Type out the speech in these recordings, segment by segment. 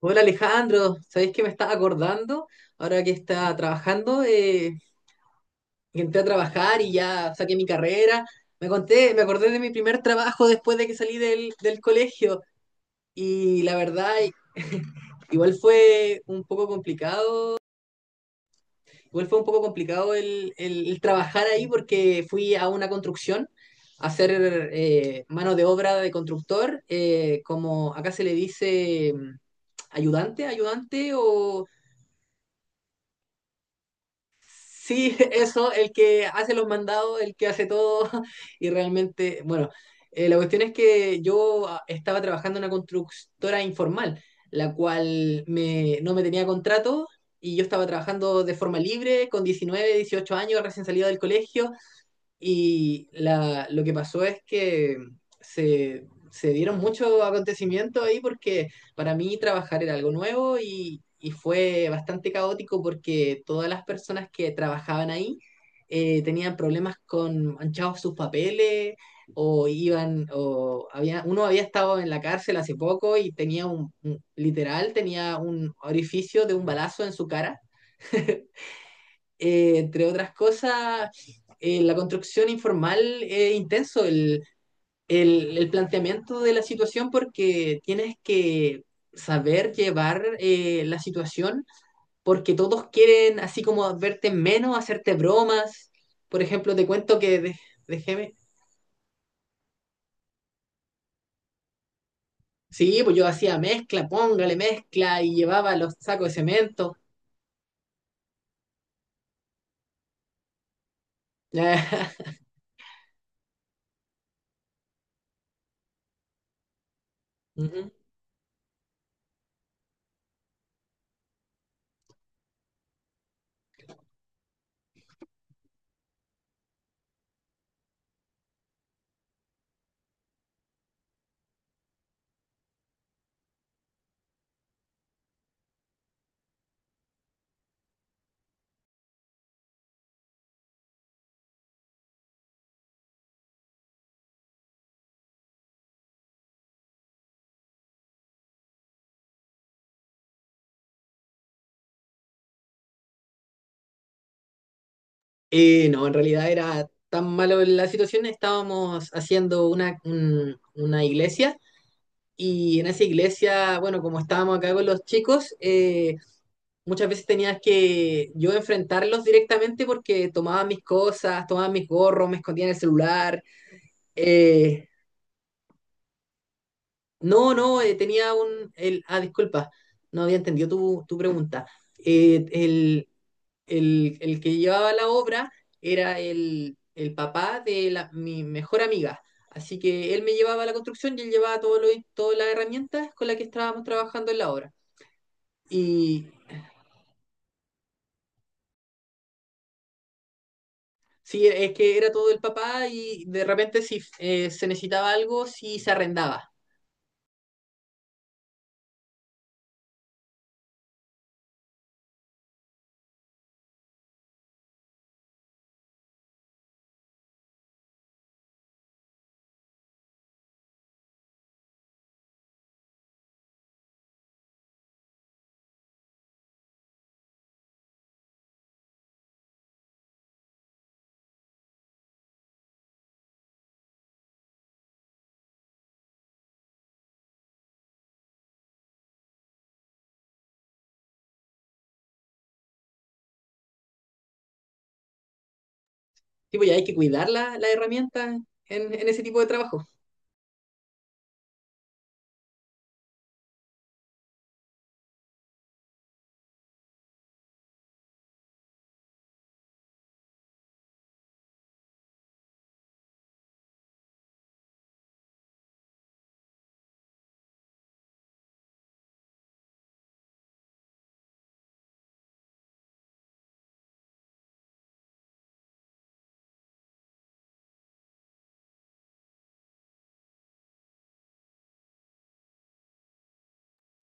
Hola Alejandro, ¿sabéis que me estaba acordando? Ahora que está trabajando, que entré a trabajar y ya saqué mi carrera. Me acordé de mi primer trabajo después de que salí del colegio y la verdad, igual fue un poco complicado. Igual fue un poco complicado el trabajar ahí porque fui a una construcción a hacer mano de obra de constructor, como acá se le dice ayudante, ayudante o sí, eso, el que hace los mandados, el que hace todo, y realmente, bueno, la cuestión es que yo, estaba trabajando en una constructora informal, la cual no me tenía contrato y yo estaba trabajando de forma libre, con 19, 18 años, recién salido del colegio, y lo que pasó es que se dieron muchos acontecimientos ahí porque para mí trabajar era algo nuevo y fue bastante caótico porque todas las personas que trabajaban ahí, tenían problemas con manchados sus papeles, o iban, o había uno, había estado en la cárcel hace poco y tenía literal tenía un orificio de un balazo en su cara. Entre otras cosas, la construcción informal es intenso, el planteamiento de la situación, porque tienes que saber llevar la situación, porque todos quieren así como verte menos, hacerte bromas. Por ejemplo, te cuento déjeme. Sí, pues yo hacía mezcla, póngale mezcla y llevaba los sacos de cemento. Ujú. No, en realidad era tan malo la situación, estábamos haciendo una iglesia y en esa iglesia, bueno, como estábamos acá con los chicos, muchas veces tenías que yo enfrentarlos directamente porque tomaban mis cosas, tomaban mis gorros, me escondían el celular. Eh, no, no, tenía un... disculpa, no había entendido tu pregunta. Eh, el, el que llevaba la obra era el papá de mi mejor amiga. Así que él me llevaba a la construcción y él llevaba todas las herramientas con las que estábamos trabajando en la obra. Y sí, es que era todo el papá y de repente si, se necesitaba algo, si se arrendaba. Tipo, ya hay que cuidar la herramienta en ese tipo de trabajo.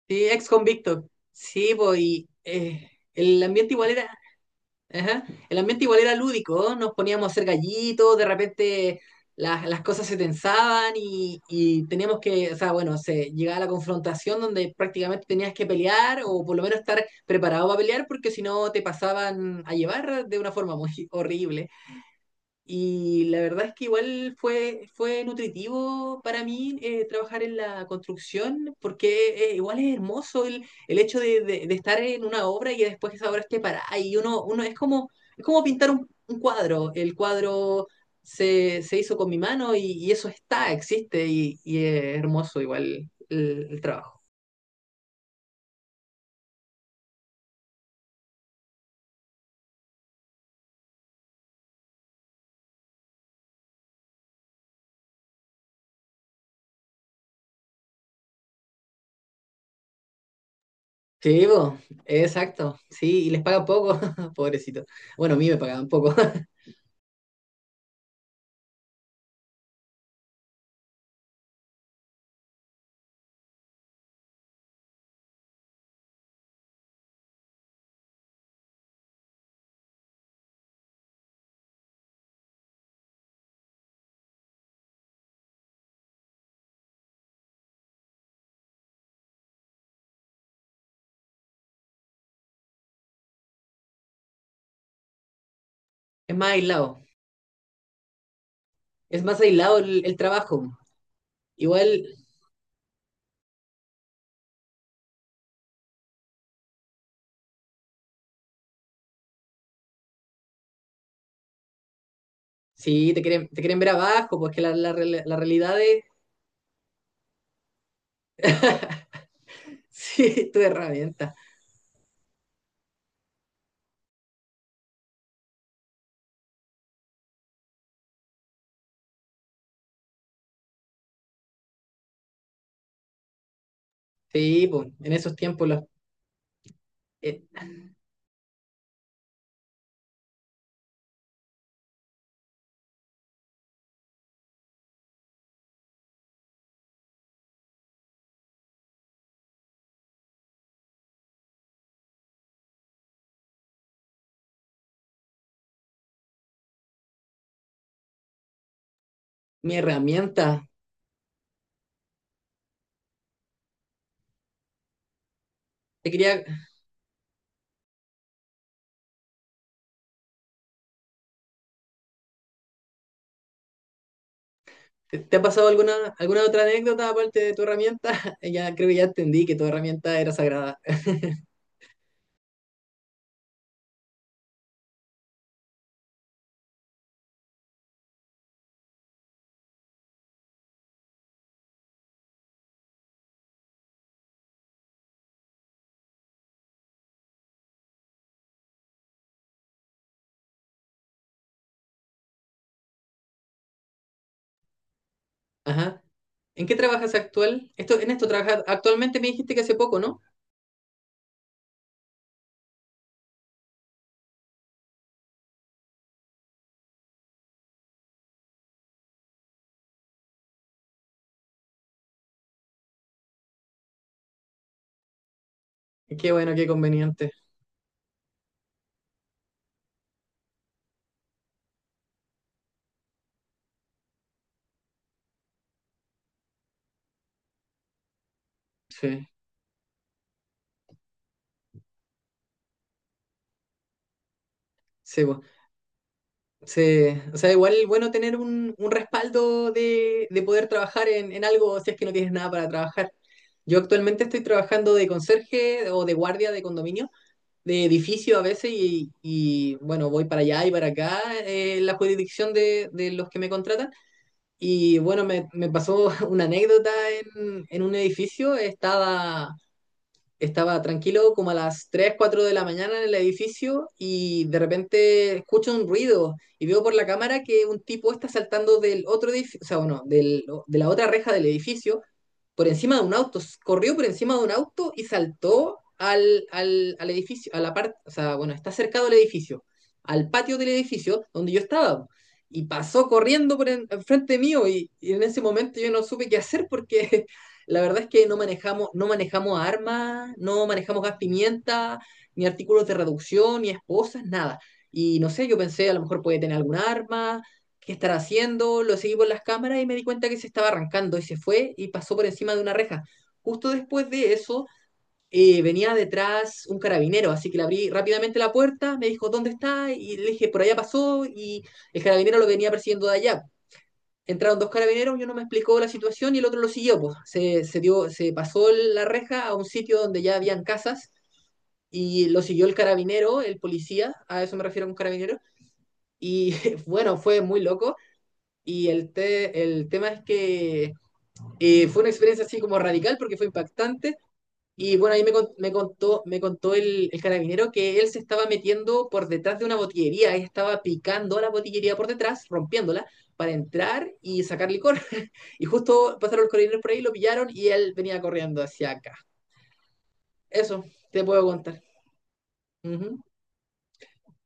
Sí, ex convicto. Sí, pues, y el ambiente igual era... Ajá. El ambiente igual era lúdico, ¿no? Nos poníamos a hacer gallitos, de repente las cosas se tensaban y teníamos que, o sea, bueno, se llegaba a la confrontación donde prácticamente tenías que pelear o por lo menos estar preparado para pelear porque si no te pasaban a llevar de una forma muy horrible. Y la verdad es que igual fue, fue nutritivo para mí, trabajar en la construcción, porque igual es hermoso el hecho de estar en una obra y que después esa obra esté parada. Y uno es como pintar un cuadro. El cuadro se hizo con mi mano y eso está, existe y es hermoso igual el trabajo. Sí, po, exacto. Sí, y les pagan poco, pobrecito. Bueno, a mí me pagaban poco. Es más aislado. Es más aislado el trabajo. Igual, sí, te quieren ver abajo, pues que real- la realidad es... Sí, tu herramienta. Sí, pues, en esos tiempos, eh, mi herramienta. Te quería, ¿te, te ha pasado alguna, alguna otra anécdota aparte de tu herramienta? Ya creo que ya entendí que tu herramienta era sagrada. Ajá. ¿En qué trabajas actual? Esto, en esto trabajas actualmente me dijiste que hace poco, ¿no? Qué bueno, qué conveniente. Sí, sí, po. Sí, o sea, igual bueno tener un respaldo de poder trabajar en algo si es que no tienes nada para trabajar. Yo actualmente estoy trabajando de conserje o de guardia de condominio, de edificio a veces, y, bueno, voy para allá y para acá, en la jurisdicción de los que me contratan. Y bueno, me pasó una anécdota en un edificio, estaba tranquilo como a las 3 4 de la mañana en el edificio y de repente escucho un ruido y veo por la cámara que un tipo está saltando del otro edificio, o sea, bueno, de la otra reja del edificio, por encima de un auto, corrió por encima de un auto y saltó al edificio, a la parte, o sea, bueno, está cercado al edificio, al patio del edificio donde yo estaba. Y pasó corriendo por enfrente mío y, en ese momento yo no supe qué hacer porque la verdad es que no manejamos, no manejamos armas, no manejamos gas pimienta, ni artículos de reducción, ni esposas, nada. Y no sé, yo pensé, a lo mejor puede tener algún arma, qué estará haciendo, lo seguí por las cámaras y me di cuenta que se estaba arrancando y se fue y pasó por encima de una reja. Justo después de eso, venía detrás un carabinero, así que le abrí rápidamente la puerta, me dijo, ¿dónde está? Y le dije, por allá pasó y el carabinero lo venía persiguiendo de allá. Entraron dos carabineros, uno me explicó la situación y el otro lo siguió. Pues se dio, se pasó la reja a un sitio donde ya habían casas y lo siguió el carabinero, el policía, a eso me refiero con carabinero. Y bueno, fue muy loco y el tema es que, fue una experiencia así como radical porque fue impactante. Y bueno, ahí me contó el carabinero que él se estaba metiendo por detrás de una botillería, él estaba picando la botillería por detrás, rompiéndola, para entrar y sacar licor. Y justo pasaron los carabineros por ahí, lo pillaron y él venía corriendo hacia acá. Eso te puedo contar. Ujú.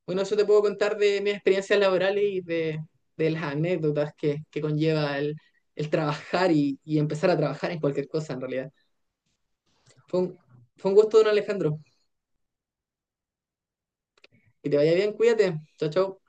Bueno, eso te puedo contar de mis experiencias laborales y de las anécdotas que conlleva el trabajar y empezar a trabajar en cualquier cosa, en realidad. Fue un, fue un gusto, don Alejandro. Que te vaya bien, cuídate. Chao, chao.